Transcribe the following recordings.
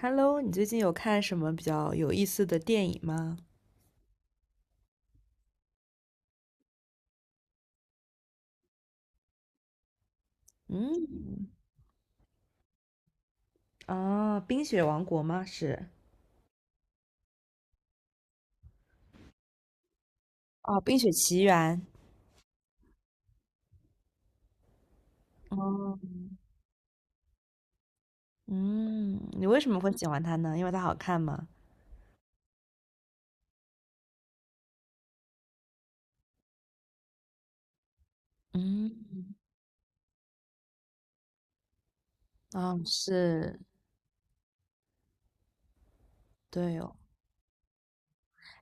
Hello，你最近有看什么比较有意思的电影吗？嗯，啊，《冰雪王国》吗？是，哦，《冰雪奇缘》。哦，嗯，你为什么会喜欢它呢？因为它好看吗？嗯，啊，是，对哦。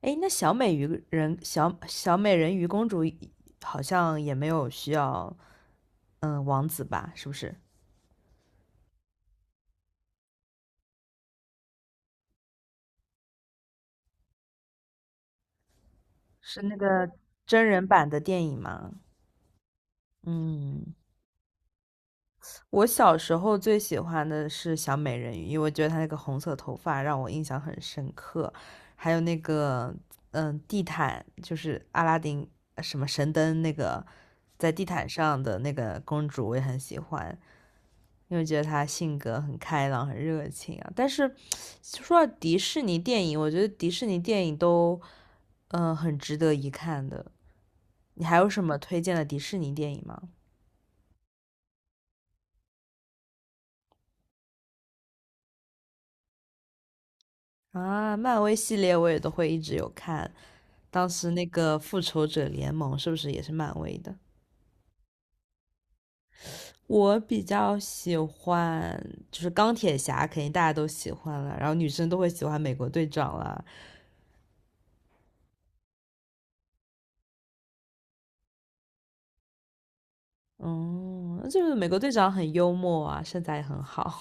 哎，那小美鱼人，小美人鱼公主好像也没有需要，嗯，王子吧？是不是？是那个真人版的电影吗？嗯。我小时候最喜欢的是小美人鱼，因为我觉得她那个红色头发让我印象很深刻，还有那个地毯，就是阿拉丁什么神灯那个在地毯上的那个公主，我也很喜欢，因为觉得她性格很开朗、很热情啊。但是说到迪士尼电影，我觉得迪士尼电影都很值得一看的。你还有什么推荐的迪士尼电影吗？啊，漫威系列我也都会一直有看。当时那个复仇者联盟是不是也是漫威的？我比较喜欢就是钢铁侠，肯定大家都喜欢了，然后女生都会喜欢美国队长啦。嗯，就是美国队长很幽默啊，身材也很好。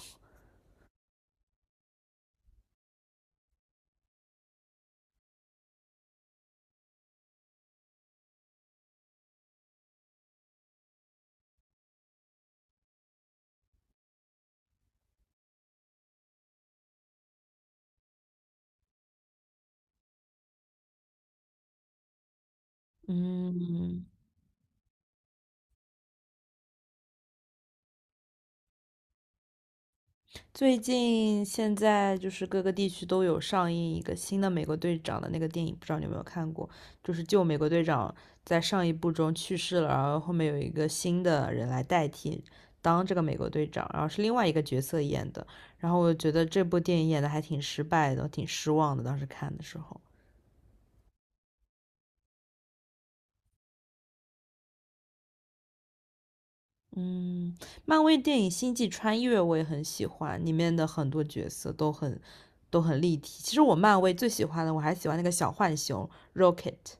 嗯，最近现在就是各个地区都有上映一个新的美国队长的那个电影，不知道你有没有看过？就是旧美国队长在上一部中去世了，然后后面有一个新的人来代替当这个美国队长，然后是另外一个角色演的。然后我觉得这部电影演的还挺失败的，挺失望的。当时看的时候，嗯，漫威电影《星际穿越》我也很喜欢，里面的很多角色都很都很立体。其实我漫威最喜欢的，我还喜欢那个小浣熊 Rocket。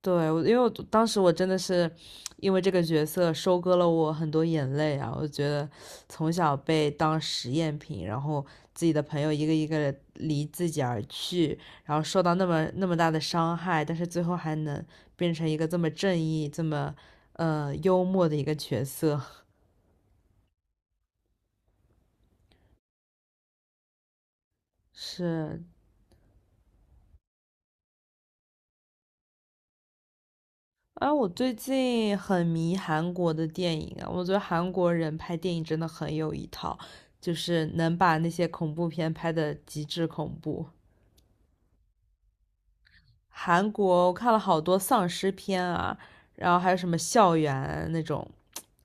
对，因为我当时我真的是因为这个角色收割了我很多眼泪啊！我觉得从小被当实验品，然后自己的朋友一个一个地离自己而去，然后受到那么大的伤害，但是最后还能变成一个这么正义、这么幽默的一个角色，是啊，我最近很迷韩国的电影啊，我觉得韩国人拍电影真的很有一套，就是能把那些恐怖片拍的极致恐怖。韩国我看了好多丧尸片啊，然后还有什么校园那种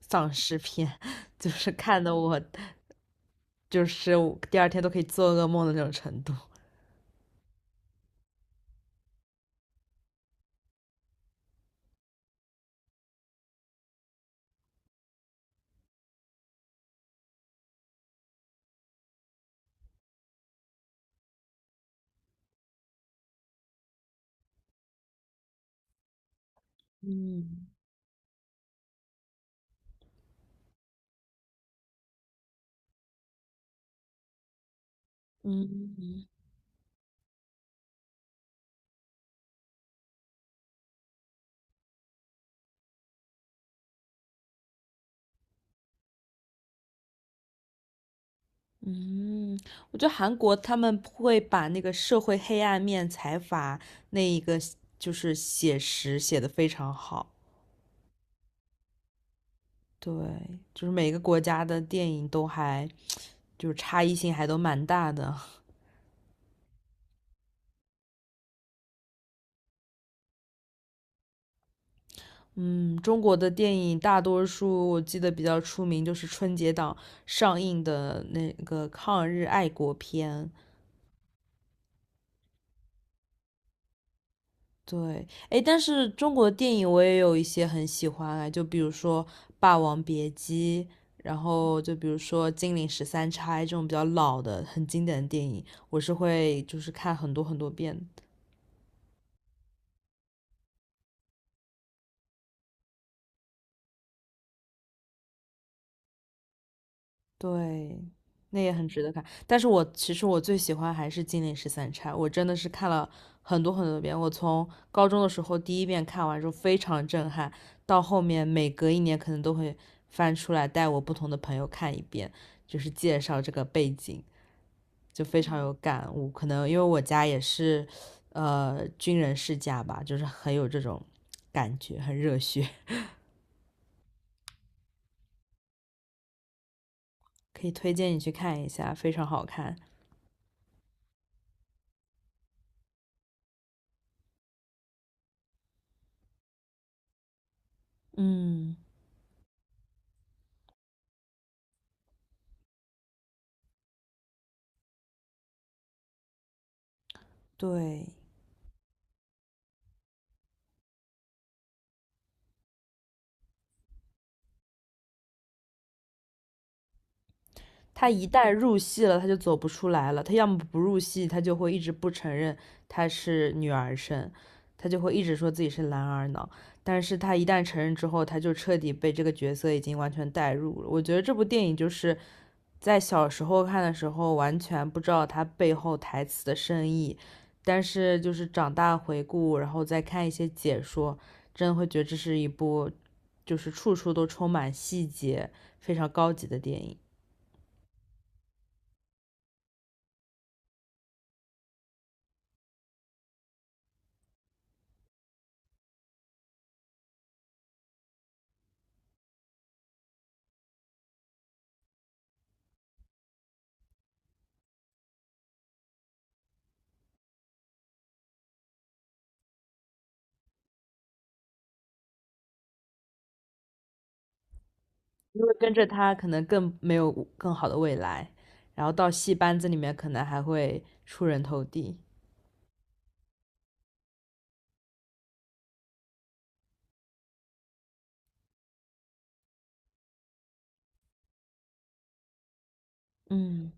丧尸片，就是看的我就是我第二天都可以做噩梦的那种程度。嗯嗯。嗯，我觉得韩国他们会把那个社会黑暗面、财阀那一个就是写实写的非常好。对，就是每个国家的电影都还就是差异性还都蛮大的。嗯，中国的电影大多数我记得比较出名就是春节档上映的那个抗日爱国片。对，哎，但是中国电影我也有一些很喜欢啊，就比如说《霸王别姬》，然后就比如说《金陵十三钗》这种比较老的、很经典的电影，我是会就是看很多很多遍的。对，那也很值得看。但是我其实最喜欢还是《金陵十三钗》，我真的是看了很多很多遍。我从高中的时候第一遍看完之后非常震撼，到后面每隔一年可能都会翻出来带我不同的朋友看一遍，就是介绍这个背景，就非常有感悟。可能因为我家也是，军人世家吧，就是很有这种感觉，很热血，可以推荐你去看一下，非常好看。嗯，对。他一旦入戏了，他就走不出来了。他要么不入戏，他就会一直不承认他是女儿身，他就会一直说自己是男儿脑。但是他一旦承认之后，他就彻底被这个角色已经完全带入了。我觉得这部电影就是在小时候看的时候，完全不知道它背后台词的深意，但是就是长大回顾，然后再看一些解说，真的会觉得这是一部就是处处都充满细节、非常高级的电影。因为跟着他可能更没有更好的未来，然后到戏班子里面可能还会出人头地。嗯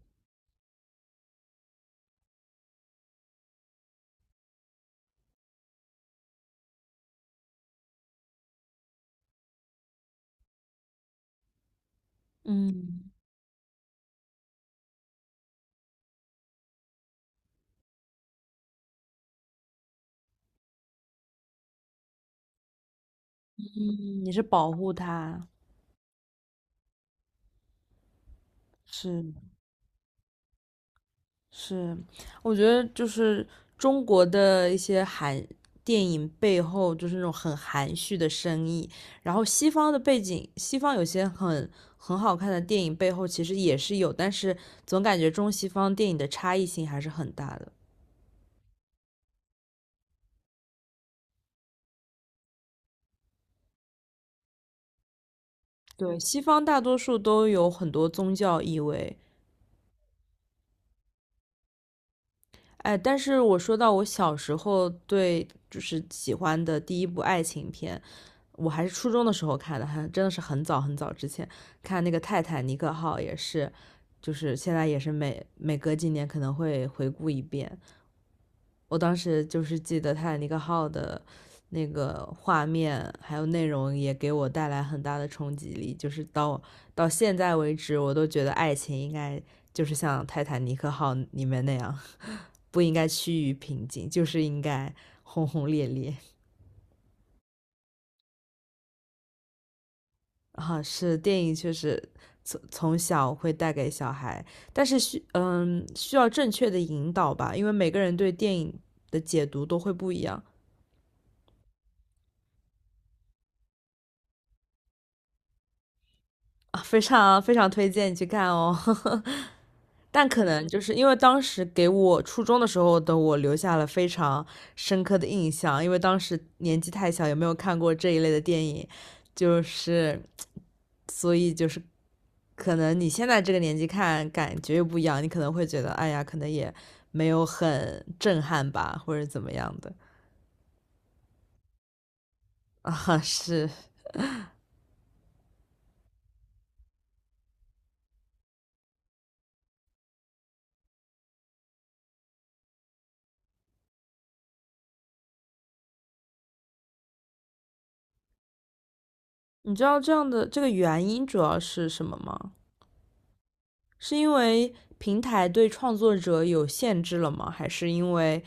嗯，嗯你是保护他，是是，我觉得就是中国的一些含电影背后就是那种很含蓄的深意，然后西方的背景，西方有些很很好看的电影背后其实也是有，但是总感觉中西方电影的差异性还是很大的。对，西方大多数都有很多宗教意味，哎，但是我说到我小时候对就是喜欢的第一部爱情片，我还是初中的时候看的，还真的是很早很早之前看那个《泰坦尼克号》，也是，就是现在也是每隔几年可能会回顾一遍。我当时就是记得《泰坦尼克号》的那个画面还有内容也给我带来很大的冲击力，就是到现在为止，我都觉得爱情应该就是像《泰坦尼克号》里面那样，不应该趋于平静，就是应该轰轰烈烈。啊，是电影确实从小会带给小孩，但是需要正确的引导吧，因为每个人对电影的解读都会不一样啊，非常非常推荐你去看哦。但可能就是因为当时给我初中的时候的我留下了非常深刻的印象，因为当时年纪太小，也没有看过这一类的电影，就是所以就是可能你现在这个年纪看感觉又不一样，你可能会觉得哎呀，可能也没有很震撼吧，或者怎么样的啊？是，你知道这样的这个原因主要是什么吗？是因为平台对创作者有限制了吗？还是因为？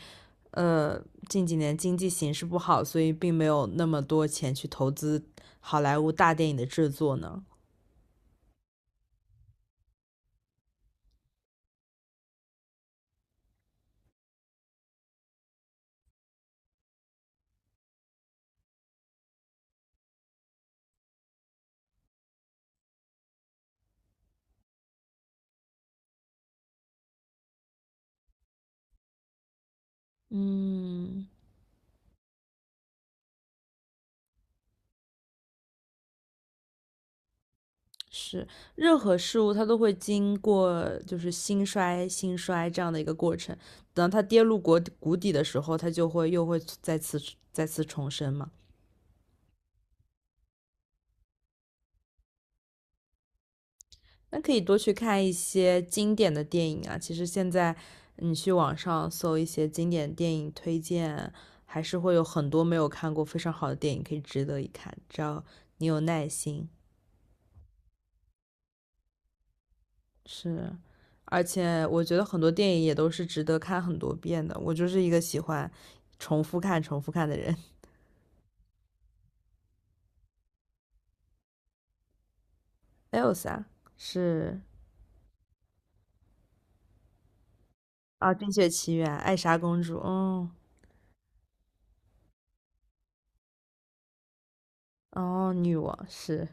呃，近几年经济形势不好，所以并没有那么多钱去投资好莱坞大电影的制作呢。嗯，是，任何事物它都会经过就是兴衰、兴衰这样的一个过程。等到它跌入国谷底的时候，它就会又会再次重生嘛。那可以多去看一些经典的电影啊。其实现在你去网上搜一些经典电影推荐，还是会有很多没有看过非常好的电影可以值得一看，只要你有耐心。是，而且我觉得很多电影也都是值得看很多遍的。我就是一个喜欢重复看、重复看的人。还有啥？是啊，《冰雪奇缘》、《艾莎公主》，嗯，哦，女王是。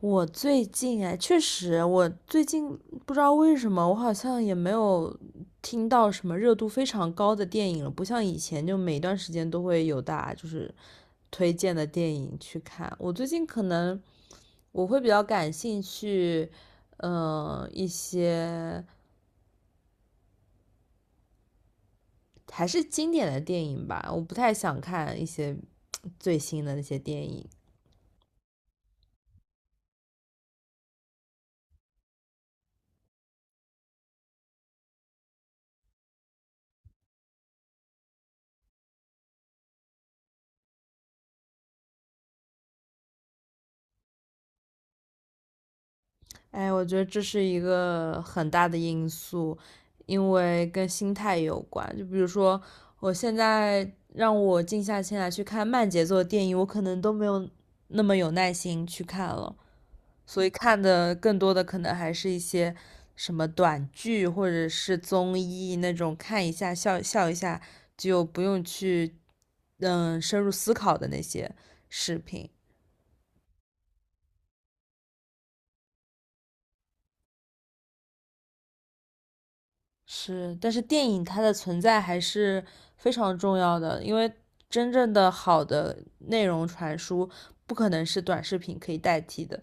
我最近哎，确实，我最近不知道为什么，我好像也没有听到什么热度非常高的电影了，不像以前就每段时间都会有大家就是推荐的电影去看。我最近可能我会比较感兴趣，一些还是经典的电影吧，我不太想看一些最新的那些电影。哎，我觉得这是一个很大的因素，因为跟心态有关。就比如说，我现在让我静下心来去看慢节奏的电影，我可能都没有那么有耐心去看了，所以看的更多的可能还是一些什么短剧或者是综艺那种，看一下笑笑一下，就不用去深入思考的那些视频。是，但是电影它的存在还是非常重要的，因为真正的好的内容传输不可能是短视频可以代替的。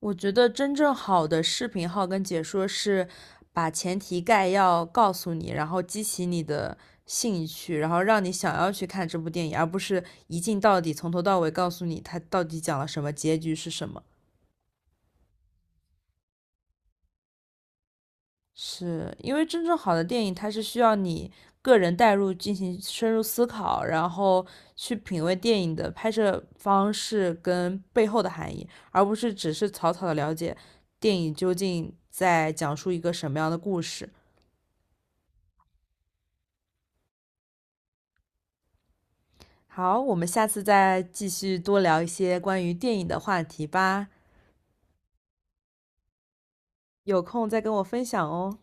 我觉得真正好的视频号跟解说是把前提概要告诉你，然后激起你的兴趣，然后让你想要去看这部电影，而不是一镜到底，从头到尾告诉你它到底讲了什么，结局是什么。是因为真正好的电影，它是需要你个人带入进行深入思考，然后去品味电影的拍摄方式跟背后的含义，而不是只是草草的了解电影究竟在讲述一个什么样的故事。好，我们下次再继续多聊一些关于电影的话题吧，有空再跟我分享哦。